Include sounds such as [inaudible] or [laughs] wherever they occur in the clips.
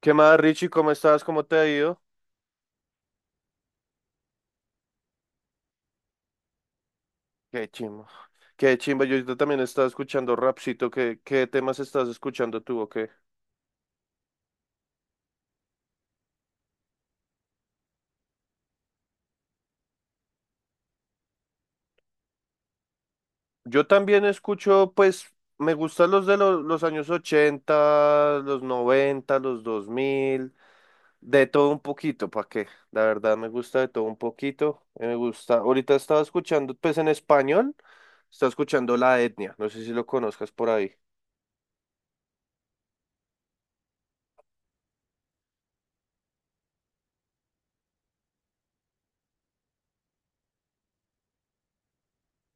¿Qué más, Richie? ¿Cómo estás? ¿Cómo te ha ido? Qué chimba. Qué chimba. Yo ahorita también estaba escuchando rapcito. ¿Qué temas estás escuchando tú o qué? Yo también escucho, pues, me gustan los años 80, los 90, los 2000, de todo un poquito, ¿para qué? La verdad me gusta de todo un poquito. Me gusta. Ahorita estaba escuchando, pues, en español, estaba escuchando La Etnia. No sé si lo conozcas por ahí.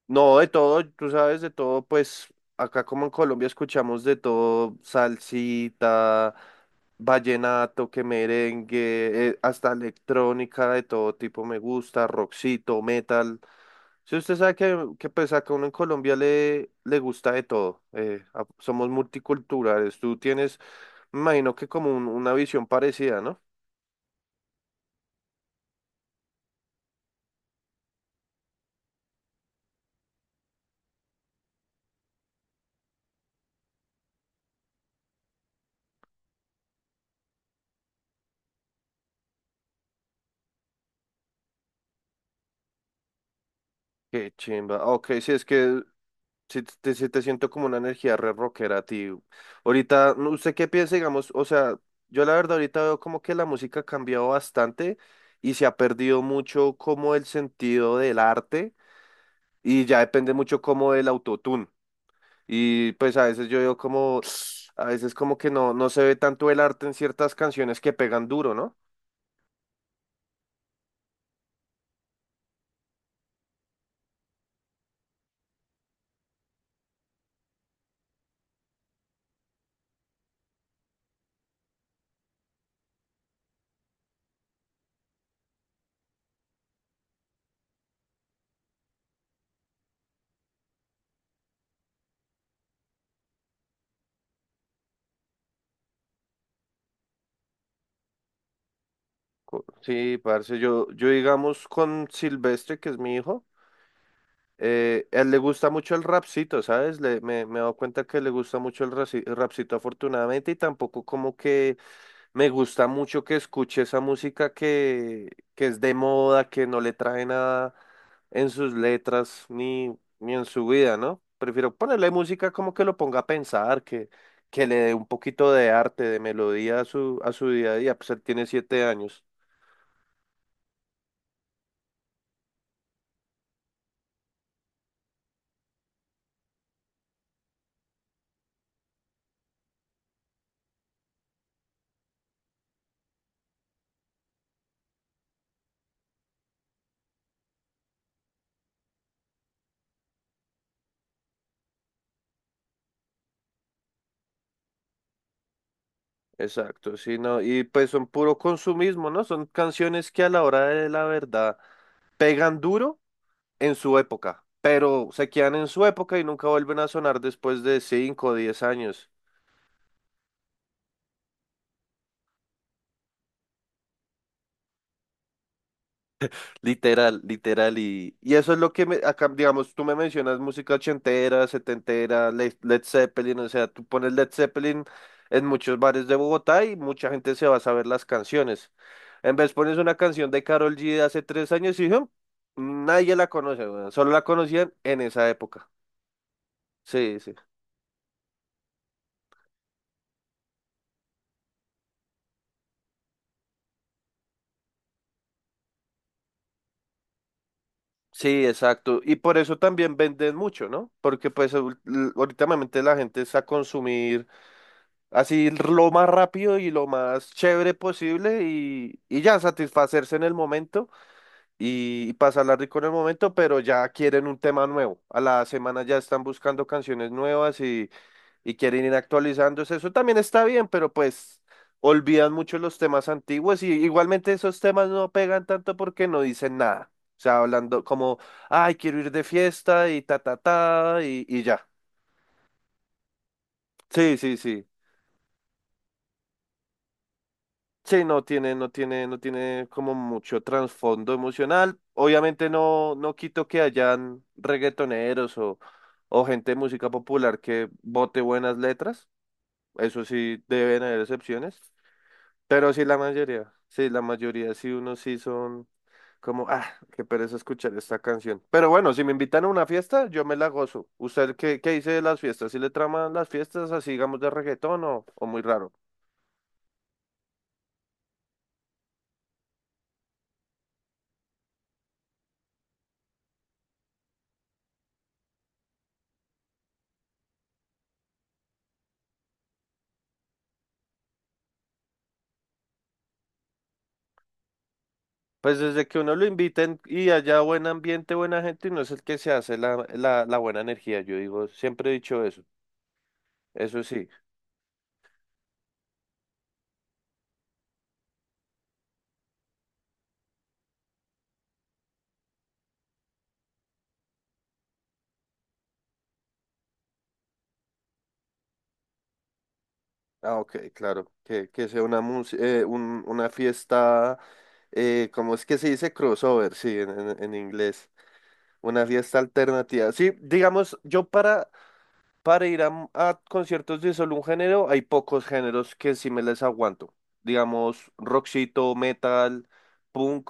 No, de todo, tú sabes, de todo, pues acá como en Colombia escuchamos de todo, salsita, vallenato, que merengue, hasta electrónica de todo tipo me gusta, rockcito, metal. Si usted sabe que pues acá uno en Colombia le gusta de todo, somos multiculturales, tú tienes, me imagino que como una visión parecida, ¿no? Qué chimba. Ok, sí es que sí, sí te siento como una energía re rockera, tío. Ahorita, no, ¿usted qué piensa, digamos? O sea, yo la verdad ahorita veo como que la música ha cambiado bastante y se ha perdido mucho como el sentido del arte y ya depende mucho como del autotune. Y pues a veces yo veo como, [sniffs] a veces como que no, no se ve tanto el arte en ciertas canciones que pegan duro, ¿no? Sí, parce, yo digamos con Silvestre, que es mi hijo. A él le gusta mucho el rapcito, ¿sabes? Me he dado cuenta que le gusta mucho el rapcito afortunadamente y tampoco como que me gusta mucho que escuche esa música que es de moda, que no le trae nada en sus letras ni en su vida, ¿no? Prefiero ponerle música como que lo ponga a pensar, que le dé un poquito de arte, de melodía a su día a día, pues él tiene 7 años. Exacto, sí, no, y pues son puro consumismo, ¿no? Son canciones que a la hora de la verdad pegan duro en su época, pero se quedan en su época y nunca vuelven a sonar después de 5 o 10 años. Literal, literal. Y eso es lo que, acá, digamos, tú me mencionas música ochentera, setentera, Led, Zeppelin, o sea, tú pones Led Zeppelin en muchos bares de Bogotá y mucha gente se va a saber las canciones. En vez pones una canción de Karol G de hace 3 años y "Hum", nadie la conoce, weón. Solo la conocían en esa época. Sí, sí. Sí, exacto. Y por eso también venden mucho, ¿no? Porque pues últimamente la gente está a consumir así lo más rápido y lo más chévere posible y ya satisfacerse en el momento y pasarla rico en el momento, pero ya quieren un tema nuevo. A la semana ya están buscando canciones nuevas y quieren ir actualizándose. Eso también está bien, pero pues olvidan mucho los temas antiguos y igualmente esos temas no pegan tanto porque no dicen nada. O sea, hablando como, ay, quiero ir de fiesta y ta, ta, ta, y ya. Sí, sí, sí. Sí, no tiene como mucho trasfondo emocional. Obviamente no quito que hayan reggaetoneros o gente de música popular que bote buenas letras. Eso sí, deben haber excepciones. Pero sí, la mayoría, sí, la mayoría, sí, unos sí son como, ah, qué pereza escuchar esta canción. Pero bueno, si me invitan a una fiesta, yo me la gozo. ¿Usted qué dice de las fiestas? ¿Sí le traman las fiestas así, digamos, de reggaetón o muy raro? Pues desde que uno lo inviten y haya buen ambiente, buena gente, y no es el que se hace la buena energía, yo digo, siempre he dicho eso, eso sí. Ah, ok, claro, que sea una, una fiesta, ¿cómo es que se dice crossover? Sí, en inglés. Una fiesta alternativa. Sí, digamos, para ir a conciertos de solo un género, hay pocos géneros que sí me les aguanto. Digamos, rockcito, metal, punk,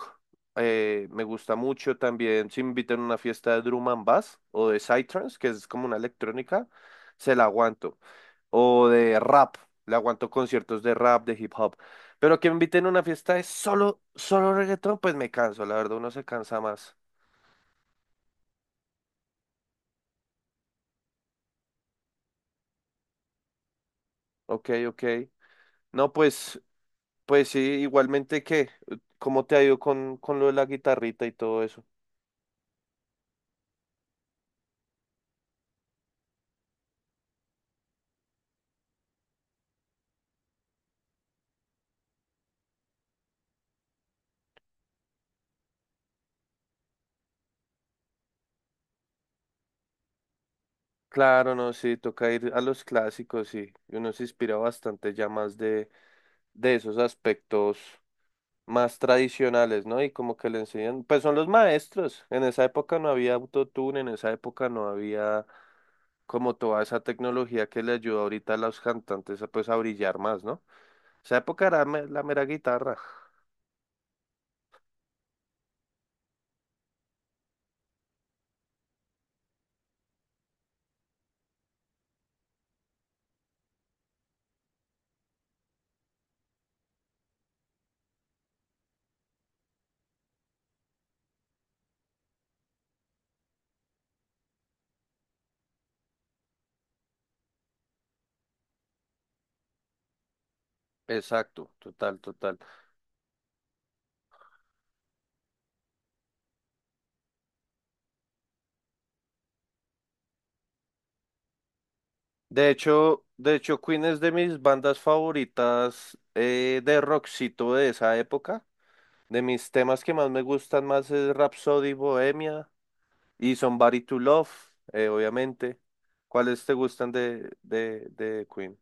me gusta mucho también. Si me invitan a una fiesta de drum and bass o de psytrance, que es como una electrónica, se la aguanto. O de rap, le aguanto conciertos de rap, de hip hop. Pero que me inviten a una fiesta de solo reggaetón, pues me canso, la verdad, uno se cansa más. Ok, ok. No, pues sí, igualmente que, ¿cómo te ha ido con lo de la guitarrita y todo eso? Claro, no, sí, toca ir a los clásicos y uno se inspira bastante ya más de esos aspectos más tradicionales, ¿no? Y como que le enseñan, pues son los maestros. En esa época no había autotune, en esa época no había como toda esa tecnología que le ayuda ahorita a los cantantes a, pues a brillar más, ¿no? Esa época era la mera guitarra. Exacto, total, total. De hecho, Queen es de mis bandas favoritas de rockcito de esa época. De mis temas que más me gustan más es Rhapsody Bohemia y Somebody to Love, obviamente. ¿Cuáles te gustan de, de Queen?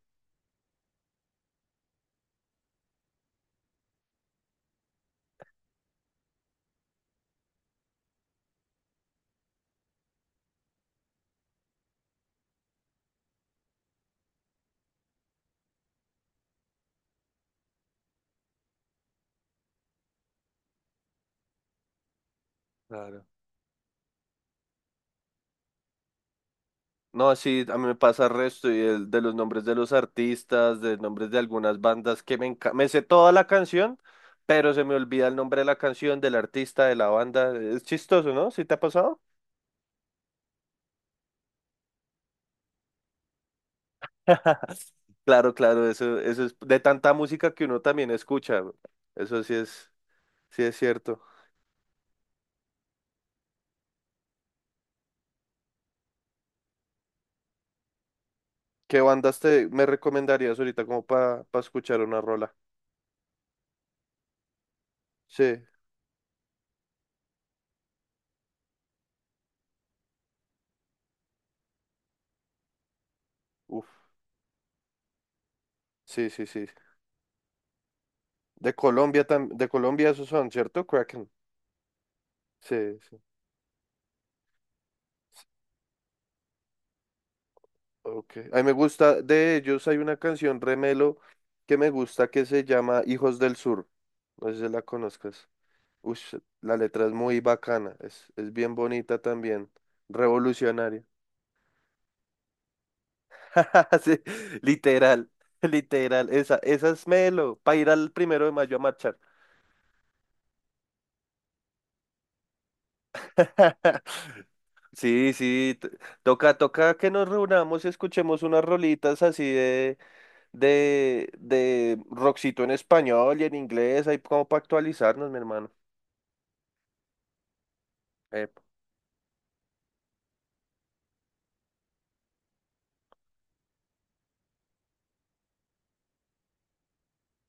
Claro. No, sí, a mí me pasa el resto y de los nombres de los artistas, de nombres de algunas bandas que me encanta. Me sé toda la canción, pero se me olvida el nombre de la canción, del artista, de la banda. Es chistoso, ¿no? ¿Sí te ha pasado? [laughs] Claro, claro, eso es de tanta música que uno también escucha. Eso sí es cierto. ¿Qué bandas te me recomendarías ahorita como para escuchar una rola? Sí, uff, sí, sí, sí. De Colombia también, de Colombia esos son, ¿cierto? Kraken. Sí, sí. Sí. Ok. A mí me gusta, de ellos hay una canción Remelo que me gusta que se llama Hijos del Sur. No sé si la conozcas. Ush, la letra es muy bacana, es bien bonita también, revolucionaria. [laughs] Sí, literal, literal, esa es Melo, para ir al primero de mayo a marchar. [laughs] Sí, sí, toca, toca que nos reunamos y escuchemos unas rolitas así de, de rockcito en español y en inglés, ahí como para actualizarnos, mi hermano. Epa.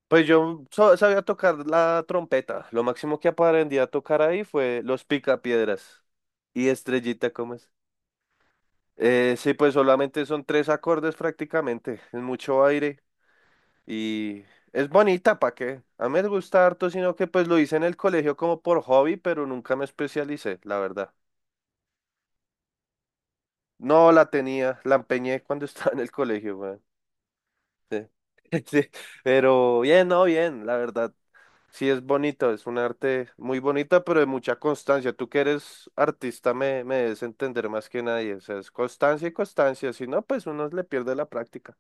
Pues yo sabía tocar la trompeta, lo máximo que aprendí a tocar ahí fue los picapiedras y Estrellita, ¿cómo es? Sí, pues solamente son 3 acordes prácticamente, es mucho aire y es bonita, ¿para qué? A mí me gusta harto, sino que pues lo hice en el colegio como por hobby, pero nunca me especialicé, la verdad. No la tenía, la empeñé cuando [laughs] estaba en el colegio, weón. Sí. [laughs] Sí, pero bien, no, bien, la verdad. Sí es bonito, es un arte muy bonita, pero de mucha constancia. Tú que eres artista me debes entender más que nadie. O sea, es constancia y constancia, si no, pues uno le pierde la práctica.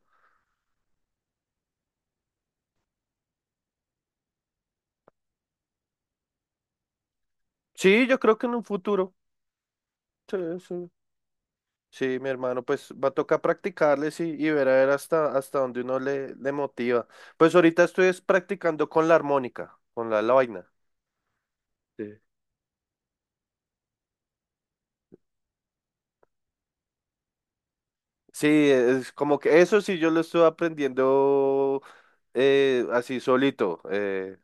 Sí, yo creo que en un futuro. Sí, sí. Sí, mi hermano, pues va a tocar practicarles y ver a ver hasta dónde uno le motiva. Pues ahorita estoy es practicando con la armónica, con la vaina. Sí. Sí, es como que eso sí yo lo estoy aprendiendo así solito,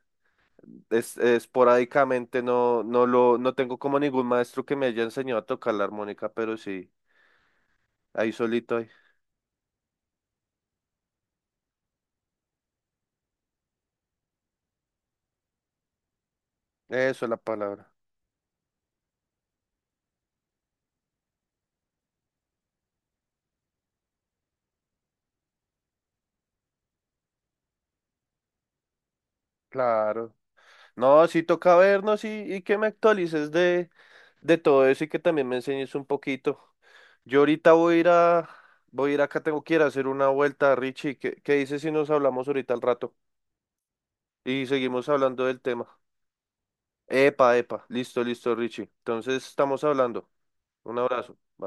es, esporádicamente, no, no tengo como ningún maestro que me haya enseñado a tocar la armónica, pero sí, ahí solito, ahí. Eso es la palabra. Claro. No, sí toca vernos y que me actualices de, todo eso y que también me enseñes un poquito. Yo ahorita voy a ir a, voy a ir acá, tengo que ir a hacer una vuelta, Richie. ¿Qué dices si nos hablamos ahorita al rato? Y seguimos hablando del tema. Epa, epa, listo, listo, Richie. Entonces estamos hablando. Un abrazo. Bye.